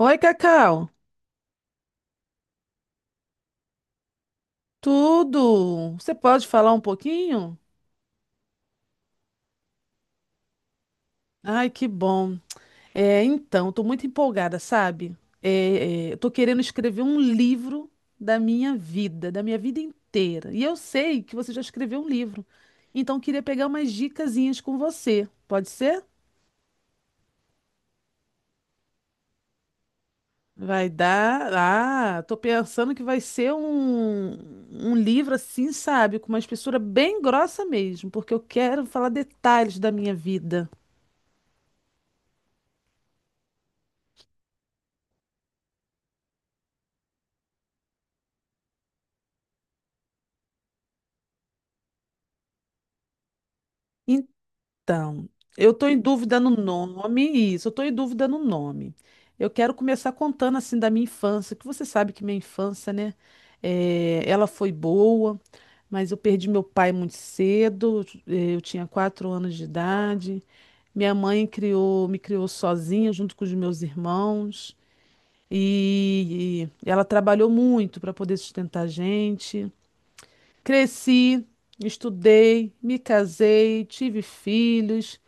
Oi, Cacau. Tudo? Você pode falar um pouquinho? Ai, que bom. Então, estou muito empolgada, sabe? Estou querendo escrever um livro da minha vida inteira. E eu sei que você já escreveu um livro. Então, eu queria pegar umas dicasinhas com você. Pode ser? Vai dar. Ah, tô pensando que vai ser um livro assim, sabe? Com uma espessura bem grossa mesmo, porque eu quero falar detalhes da minha vida. Então, eu estou em dúvida no nome, isso, eu estou em dúvida no nome. Eu quero começar contando assim da minha infância, que você sabe que minha infância, né? Ela foi boa, mas eu perdi meu pai muito cedo, eu tinha 4 anos de idade. Minha mãe me criou sozinha junto com os meus irmãos e ela trabalhou muito para poder sustentar a gente. Cresci, estudei, me casei, tive filhos.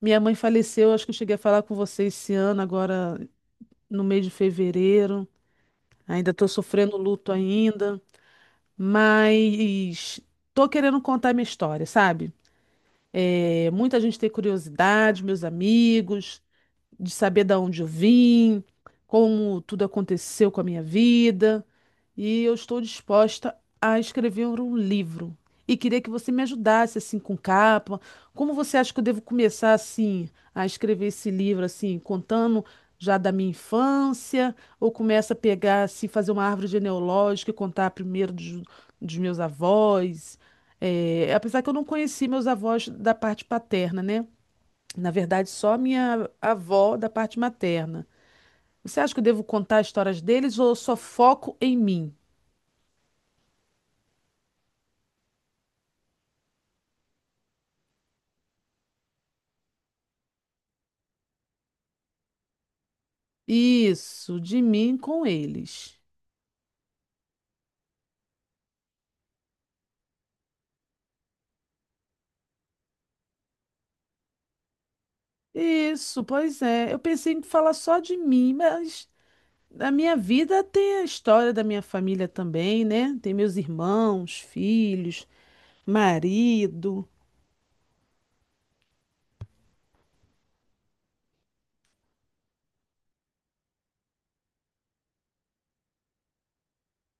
Minha mãe faleceu, acho que eu cheguei a falar com você esse ano, agora no mês de fevereiro. Ainda estou sofrendo luto ainda, mas tô querendo contar minha história, sabe? É, muita gente tem curiosidade, meus amigos, de saber da onde eu vim, como tudo aconteceu com a minha vida. E eu estou disposta a escrever um livro. E queria que você me ajudasse assim com capa. Como você acha que eu devo começar assim a escrever esse livro assim, contando já da minha infância, ou começa a pegar assim, fazer uma árvore genealógica e contar primeiro dos meus avós? É, apesar que eu não conheci meus avós da parte paterna, né? Na verdade, só minha avó da parte materna. Você acha que eu devo contar histórias deles ou só foco em mim? Isso, de mim com eles. Isso, pois é. Eu pensei em falar só de mim, mas na minha vida tem a história da minha família também, né? Tem meus irmãos, filhos, marido.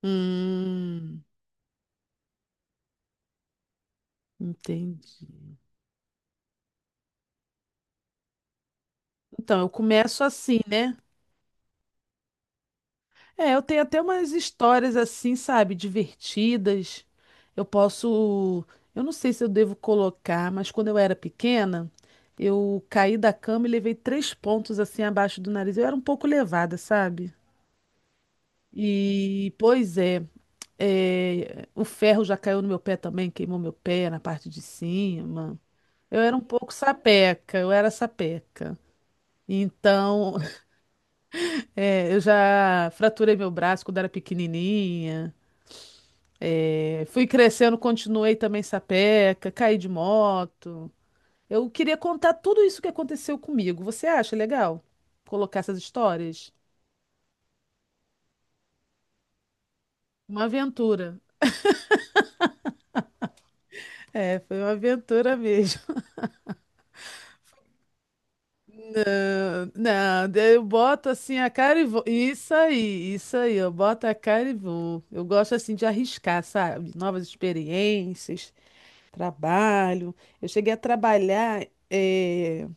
Hum, entendi. Então, eu começo assim, né? É, eu tenho até umas histórias assim, sabe, divertidas. Eu posso, eu não sei se eu devo colocar, mas quando eu era pequena, eu caí da cama e levei três pontos assim abaixo do nariz. Eu era um pouco levada, sabe? E, pois é, é, o ferro já caiu no meu pé também, queimou meu pé na parte de cima. Eu era um pouco sapeca, eu era sapeca. Então, é, eu já fraturei meu braço quando era pequenininha. É, fui crescendo, continuei também sapeca, caí de moto. Eu queria contar tudo isso que aconteceu comigo. Você acha legal colocar essas histórias? Uma aventura. É, foi uma aventura mesmo. Não, daí eu boto assim a cara e vou. Isso aí, eu boto a cara e vou. Eu gosto assim de arriscar, sabe? Novas experiências, trabalho. Eu cheguei a trabalhar.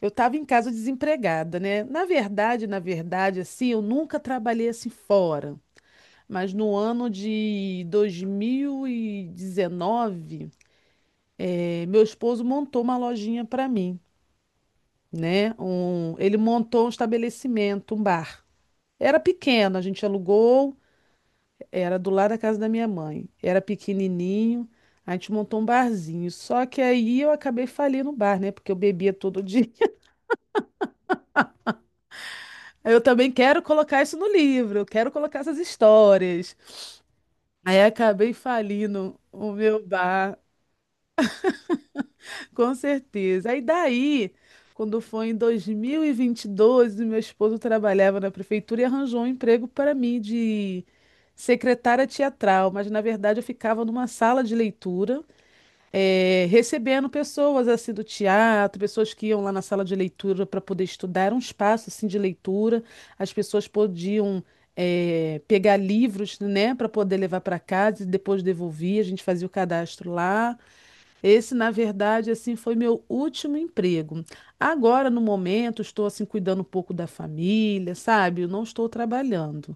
Eu estava em casa desempregada, né? Na verdade, assim, eu nunca trabalhei assim fora. Mas no ano de 2019, meu esposo montou uma lojinha para mim, né? Um, ele montou um estabelecimento, um bar. Era pequeno, a gente alugou, era do lado da casa da minha mãe. Era pequenininho, a gente montou um barzinho. Só que aí eu acabei falindo no bar, né? Porque eu bebia todo dia. Eu também quero colocar isso no livro, eu quero colocar essas histórias. Aí acabei falindo o meu bar, com certeza. Aí daí, quando foi em 2022, meu esposo trabalhava na prefeitura e arranjou um emprego para mim de secretária teatral, mas na verdade eu ficava numa sala de leitura recebendo pessoas assim do teatro, pessoas que iam lá na sala de leitura para poder estudar, era um espaço assim de leitura, as pessoas podiam pegar livros, né, para poder levar para casa e depois devolver, a gente fazia o cadastro lá. Esse, na verdade, assim, foi meu último emprego. Agora, no momento, estou assim cuidando um pouco da família, sabe? Eu não estou trabalhando.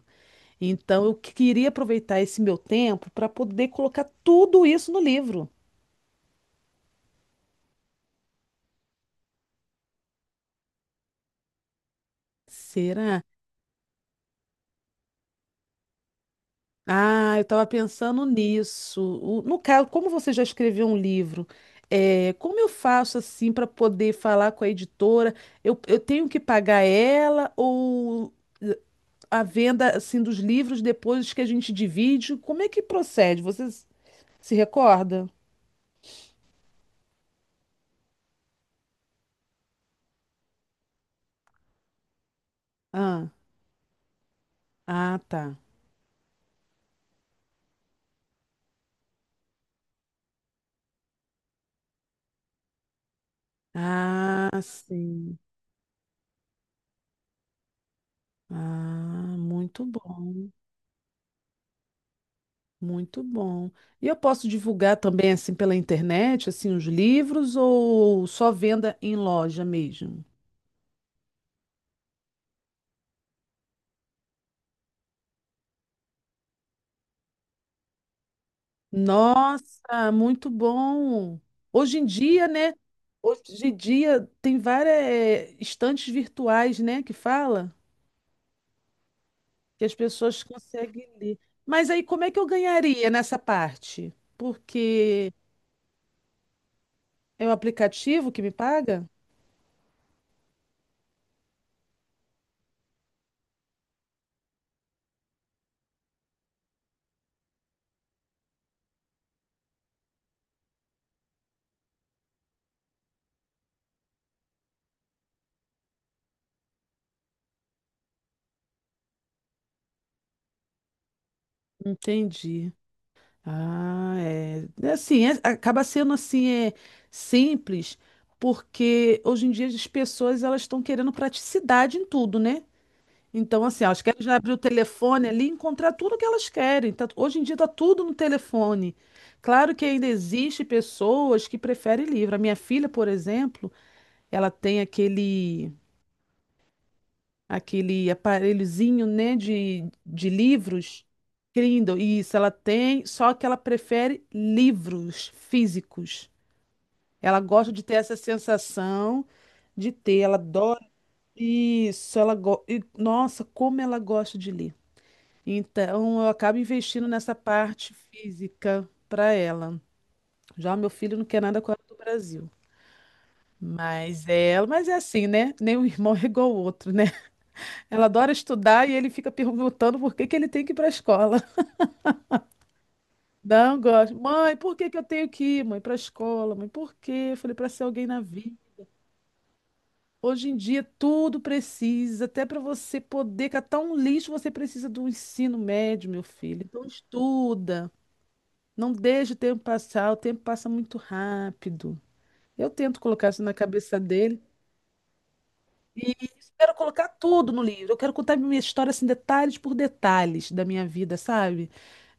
Então, eu queria aproveitar esse meu tempo para poder colocar tudo isso no livro. Será? Ah, eu estava pensando nisso. No caso, como você já escreveu um livro, é, como eu faço assim para poder falar com a editora? Eu tenho que pagar ela ou eh, a venda assim dos livros depois que a gente divide? Como é que procede? Você se recorda? Ah, ah, tá. Ah, sim. Ah, muito bom. Muito bom. E eu posso divulgar também assim pela internet, assim, os livros ou só venda em loja mesmo? Nossa, muito bom. Hoje em dia, né? Hoje em dia tem várias estantes virtuais, né, que fala que as pessoas conseguem ler. Mas aí como é que eu ganharia nessa parte? Porque é o aplicativo que me paga? Entendi. Ah, é. É assim, acaba sendo assim, é simples, porque hoje em dia as pessoas elas estão querendo praticidade em tudo, né? Então, assim, elas querem já abrir o telefone ali e encontrar tudo que elas querem. Hoje em dia está tudo no telefone. Claro que ainda existe pessoas que preferem livro. A minha filha, por exemplo, ela tem aquele aparelhozinho, né, de livros. Kindle. Isso, ela tem, só que ela prefere livros físicos. Ela gosta de ter essa sensação de ter, ela adora isso, e, nossa, como ela gosta de ler. Então, eu acabo investindo nessa parte física para ela. Já o meu filho não quer nada com ela do Brasil. Mas ela, mas é assim, né? Nem um irmão é igual ao outro, né? Ela adora estudar e ele fica perguntando por que que ele tem que ir para a escola. Não gosto. Mãe, por que que eu tenho que ir, mãe, para a escola? Mãe, por quê? Eu falei, para ser alguém na vida. Hoje em dia tudo precisa, até para você poder catar um lixo, você precisa do ensino médio, meu filho. Então estuda. Não deixe o tempo passar, o tempo passa muito rápido. Eu tento colocar isso na cabeça dele. E isso, quero colocar tudo no livro. Eu quero contar minha história assim, detalhes por detalhes da minha vida, sabe?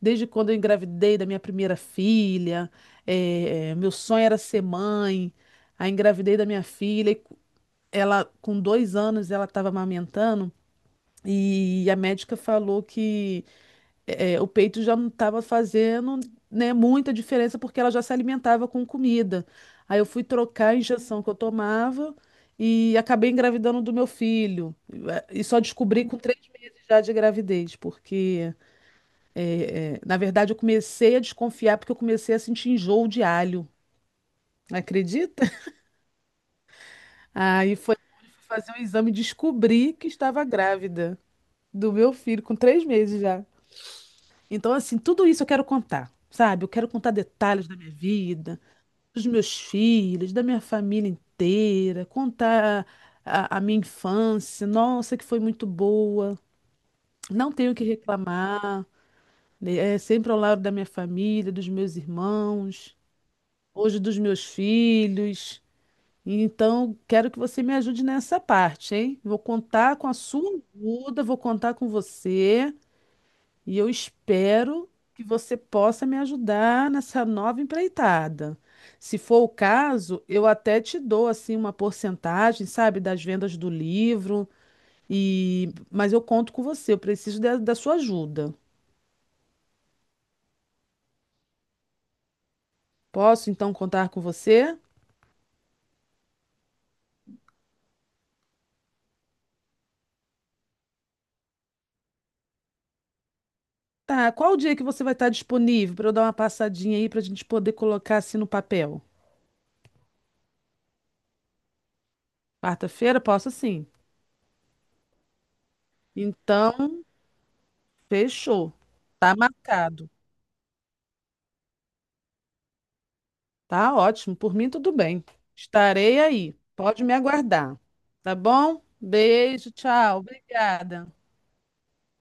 Desde quando eu engravidei da minha primeira filha, meu sonho era ser mãe. Aí engravidei da minha filha, e ela com 2 anos ela estava amamentando e a médica falou que o peito já não estava fazendo, né, muita diferença porque ela já se alimentava com comida. Aí eu fui trocar a injeção que eu tomava e acabei engravidando do meu filho. E só descobri com 3 dias já de gravidez, porque, na verdade, eu comecei a desconfiar porque eu comecei a sentir enjoo de alho. Acredita? Aí foi fazer um exame e descobri que estava grávida do meu filho, com 3 meses já. Então, assim, tudo isso eu quero contar, sabe? Eu quero contar detalhes da minha vida, dos meus filhos, da minha família inteira, contar a minha infância. Nossa, que foi muito boa. Não tenho o que reclamar, né? É sempre ao lado da minha família, dos meus irmãos, hoje dos meus filhos. Então, quero que você me ajude nessa parte, hein? Vou contar com a sua ajuda, vou contar com você. E eu espero que você possa me ajudar nessa nova empreitada. Se for o caso, eu até te dou assim uma porcentagem, sabe, das vendas do livro. E mas eu conto com você, eu preciso da sua ajuda. Posso então contar com você? Tá, qual o dia que você vai estar disponível para eu dar uma passadinha aí para a gente poder colocar assim no papel? Quarta-feira, posso sim. Então, fechou. Tá marcado. Tá ótimo, por mim tudo bem. Estarei aí. Pode me aguardar. Tá bom? Beijo, tchau. Obrigada.